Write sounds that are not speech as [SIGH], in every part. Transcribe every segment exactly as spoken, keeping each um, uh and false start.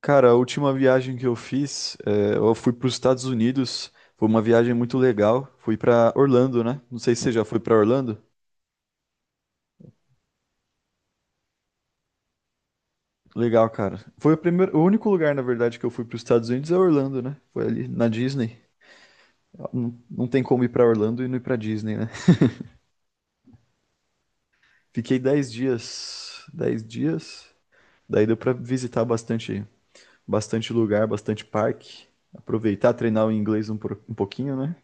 Cara, a última viagem que eu fiz, eh, eu fui para os Estados Unidos. Foi uma viagem muito legal. Fui para Orlando, né? Não sei se você já foi para Orlando. Legal, cara. Foi o primeiro, o único lugar, na verdade, que eu fui para os Estados Unidos é Orlando, né? Foi ali na Disney. Não, não tem como ir para Orlando e não ir para Disney, né? [LAUGHS] Fiquei dez dias, dez dias. Daí deu para visitar bastante, bastante lugar, bastante parque. Aproveitar, treinar o inglês um, pro- um pouquinho, né?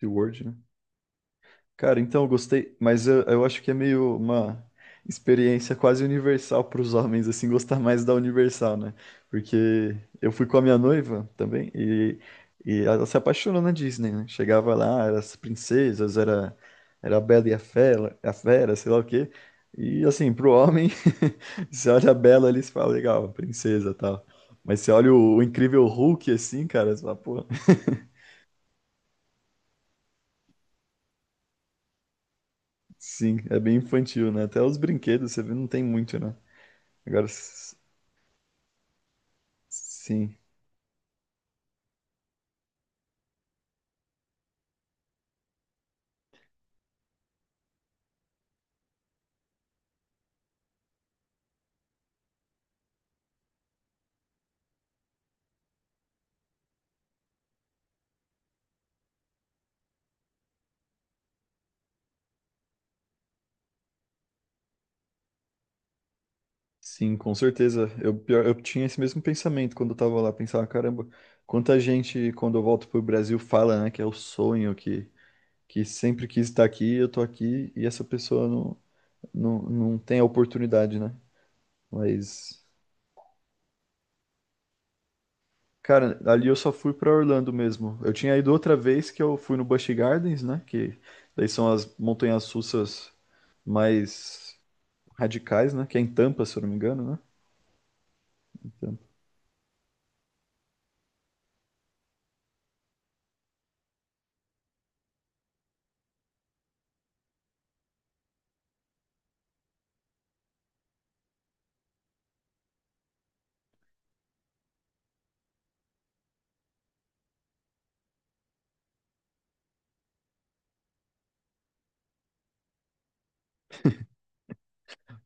SeaWorld, né? Cara, então eu gostei, mas eu, eu acho que é meio uma experiência quase universal para os homens, assim, gostar mais da Universal, né? Porque eu fui com a minha noiva também e, e ela se apaixonou na Disney, né? Chegava lá, era as princesas, era, era a Bela e a Fera, a Fera, sei lá o quê. E assim, pro homem, [LAUGHS] você olha a Bela ali e você fala, legal, princesa e tal. Mas você olha o, o incrível Hulk assim, cara, você fala, pô, sim, é bem infantil, né? Até os brinquedos, você vê, não tem muito, né? Agora, s- sim, sim, com certeza. Eu, pior- eu tinha esse mesmo pensamento quando eu tava lá. Pensava, caramba, quanta gente, quando eu volto pro Brasil, fala, né, que é o sonho, que, que sempre quis estar aqui, eu tô aqui, e essa pessoa não, não, não tem a oportunidade, né? Mas, cara, ali eu só fui pra Orlando mesmo. Eu tinha ido outra vez que eu fui no Busch Gardens, né, que daí são as montanhas russas mais radicais, né, que é em Tampa, se eu não me engano, né? Tampa.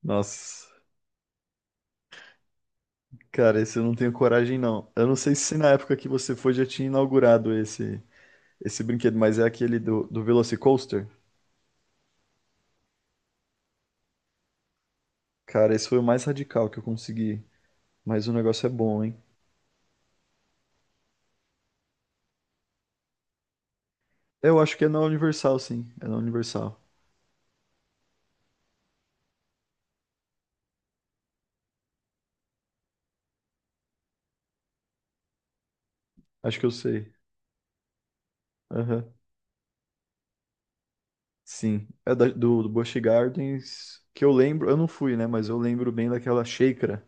Nossa. Cara, esse eu não tenho coragem, não. Eu não sei se na época que você foi já tinha inaugurado esse, esse brinquedo, mas é aquele do, do Velocicoaster. Cara, esse foi o mais radical que eu consegui. Mas o negócio é bom, hein? Eu acho que é na Universal, sim. É na Universal. Acho que eu sei. Aham. Sim. É da- do, do Busch Gardens, que eu lembro. Eu não fui, né? Mas eu lembro bem daquela Sheikra.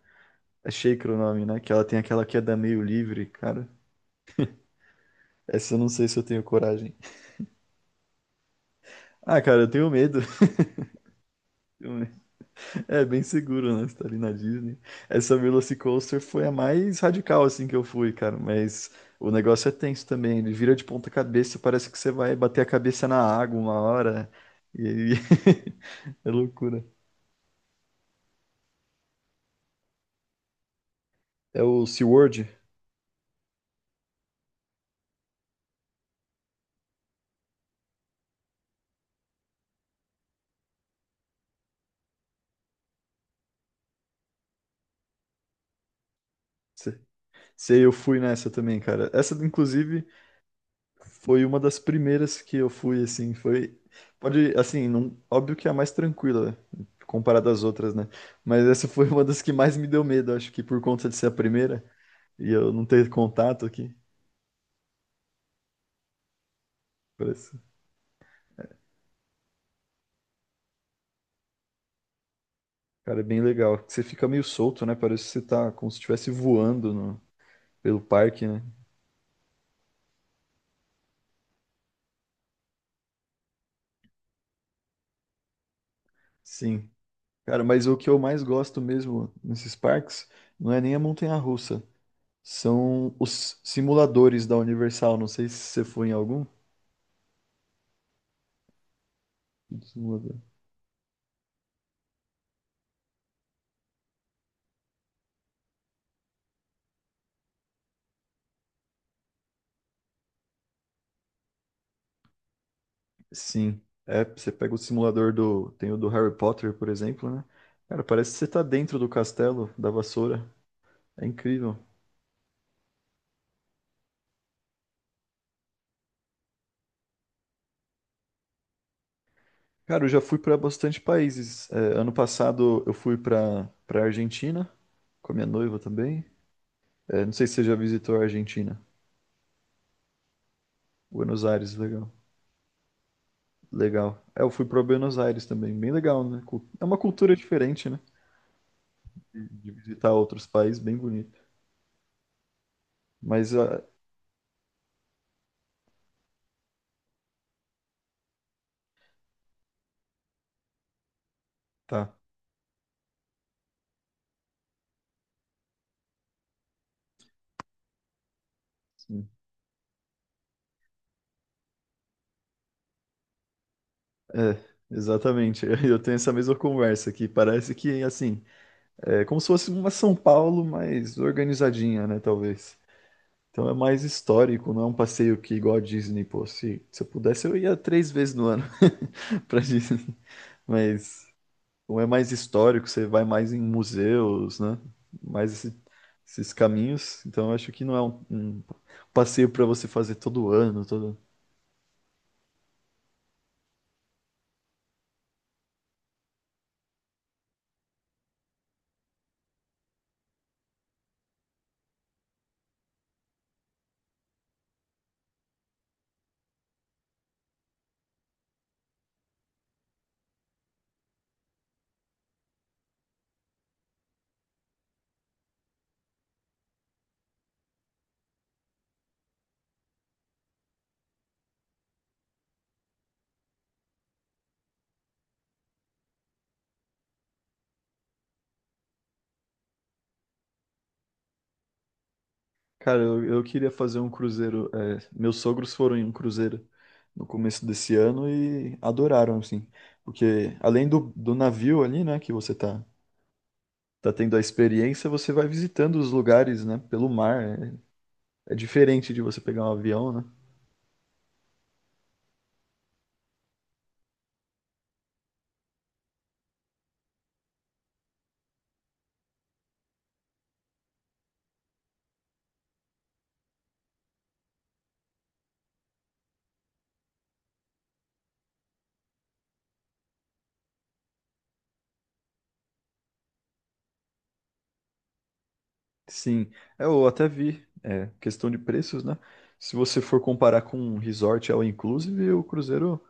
É Sheikra o nome, né? Que ela tem aquela queda meio livre, cara. Essa eu não sei se eu tenho coragem. Ah, cara, eu tenho medo. [LAUGHS] É bem seguro, né? Você tá ali na Disney. Essa Velocicoaster foi a mais radical, assim, que eu fui, cara. Mas o negócio é tenso também. Ele vira de ponta cabeça, parece que você vai bater a cabeça na água uma hora. E aí [LAUGHS] é loucura. É o SeaWorld. Se- Sei, eu fui nessa também, cara. Essa, inclusive, foi uma das primeiras que eu fui, assim. Foi. Pode, assim, não, óbvio que é a mais tranquila comparada às outras, né? Mas essa foi uma das que mais me deu medo, acho que por conta de ser a primeira. E eu não ter contato aqui. Parece. Cara, é bem legal. Você fica meio solto, né? Parece que você tá como se estivesse voando no- pelo parque, né? Sim. Cara, mas o que eu mais gosto mesmo nesses parques não é nem a montanha-russa. São os simuladores da Universal. Não sei se você foi em algum. Simulador. Sim. É, você pega o simulador do. Tem o do Harry Potter, por exemplo, né? Cara, parece que você tá dentro do castelo da vassoura. É incrível. Cara, eu já fui para bastante países. É, ano passado eu fui para para Argentina com a minha noiva também. É, não sei se você já visitou a Argentina. Buenos Aires, legal. Legal. É, eu fui para Buenos Aires também, bem legal, né? Cu- é uma cultura diferente, né? De de visitar outros países, bem bonito. Mas ah, tá. Sim. É, exatamente. [LAUGHS] Eu tenho essa mesma conversa aqui. Parece que assim, é como se fosse uma São Paulo, mais organizadinha, né? Talvez. Então é mais histórico, não é um passeio que igual a Disney, pô. Se, se eu pudesse, eu ia três vezes no ano [LAUGHS] pra Disney. Mas como é mais histórico, você vai mais em museus, né? Mais esse- esses caminhos. Então eu acho que não é um, um passeio pra você fazer todo ano, todo. Cara, eu, eu queria fazer um cruzeiro. É, meus sogros foram em um cruzeiro no começo desse ano e adoraram, assim. Porque além do, do navio ali, né, que você tá tá tendo a experiência, você vai visitando os lugares, né, pelo mar. É, é diferente de você pegar um avião, né? Sim, é, eu até vi, é, questão de preços, né? Se você for comparar com um resort all inclusive, o cruzeiro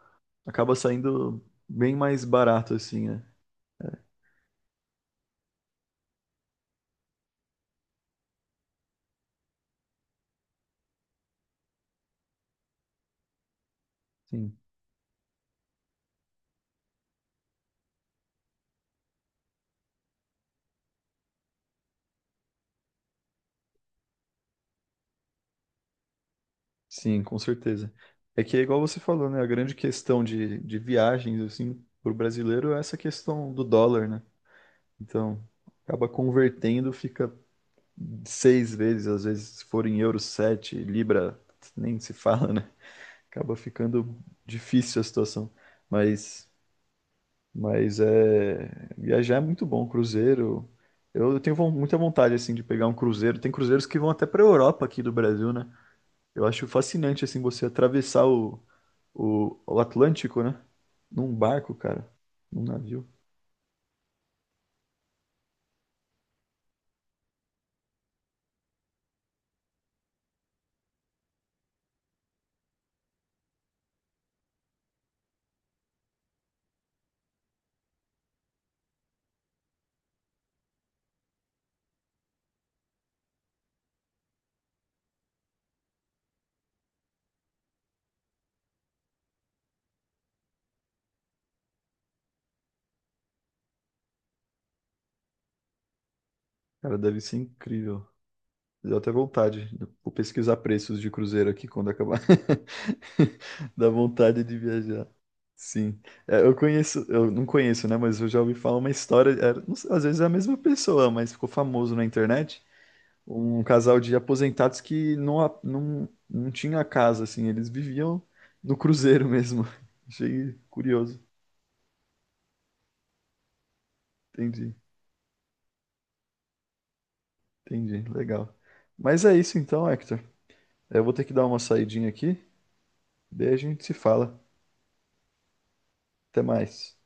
acaba saindo bem mais barato, assim, né? Sim, sim, com certeza. É que é igual você falou, né? A grande questão de, de viagens, assim, pro brasileiro é essa questão do dólar, né? Então, acaba convertendo, fica seis vezes, às vezes, se for em euro, sete, libra, nem se fala, né? Acaba ficando difícil a situação. Mas, mas é viajar é muito bom, cruzeiro. Eu eu tenho von- muita vontade assim de pegar um cruzeiro. Tem cruzeiros que vão até para Europa aqui do Brasil, né? Eu acho fascinante assim você atravessar o, o, o Atlântico, né? Num barco, cara, num navio. Cara, deve ser incrível. Deu até vontade. Vou pesquisar preços de cruzeiro aqui quando acabar. [LAUGHS] [LAUGHS] Dá vontade de viajar. Sim. É, eu conheço, eu não conheço, né? Mas eu já ouvi falar uma história. era- não sei, às vezes é a mesma pessoa, mas ficou famoso na internet. Um casal de aposentados que não, a- não, não tinha casa, assim. Eles viviam no cruzeiro mesmo. [LAUGHS] Achei curioso. Entendi, entendi. Legal. Mas é isso então, Hector. Eu vou ter que dar uma saidinha aqui. Daí a gente se fala. Até mais.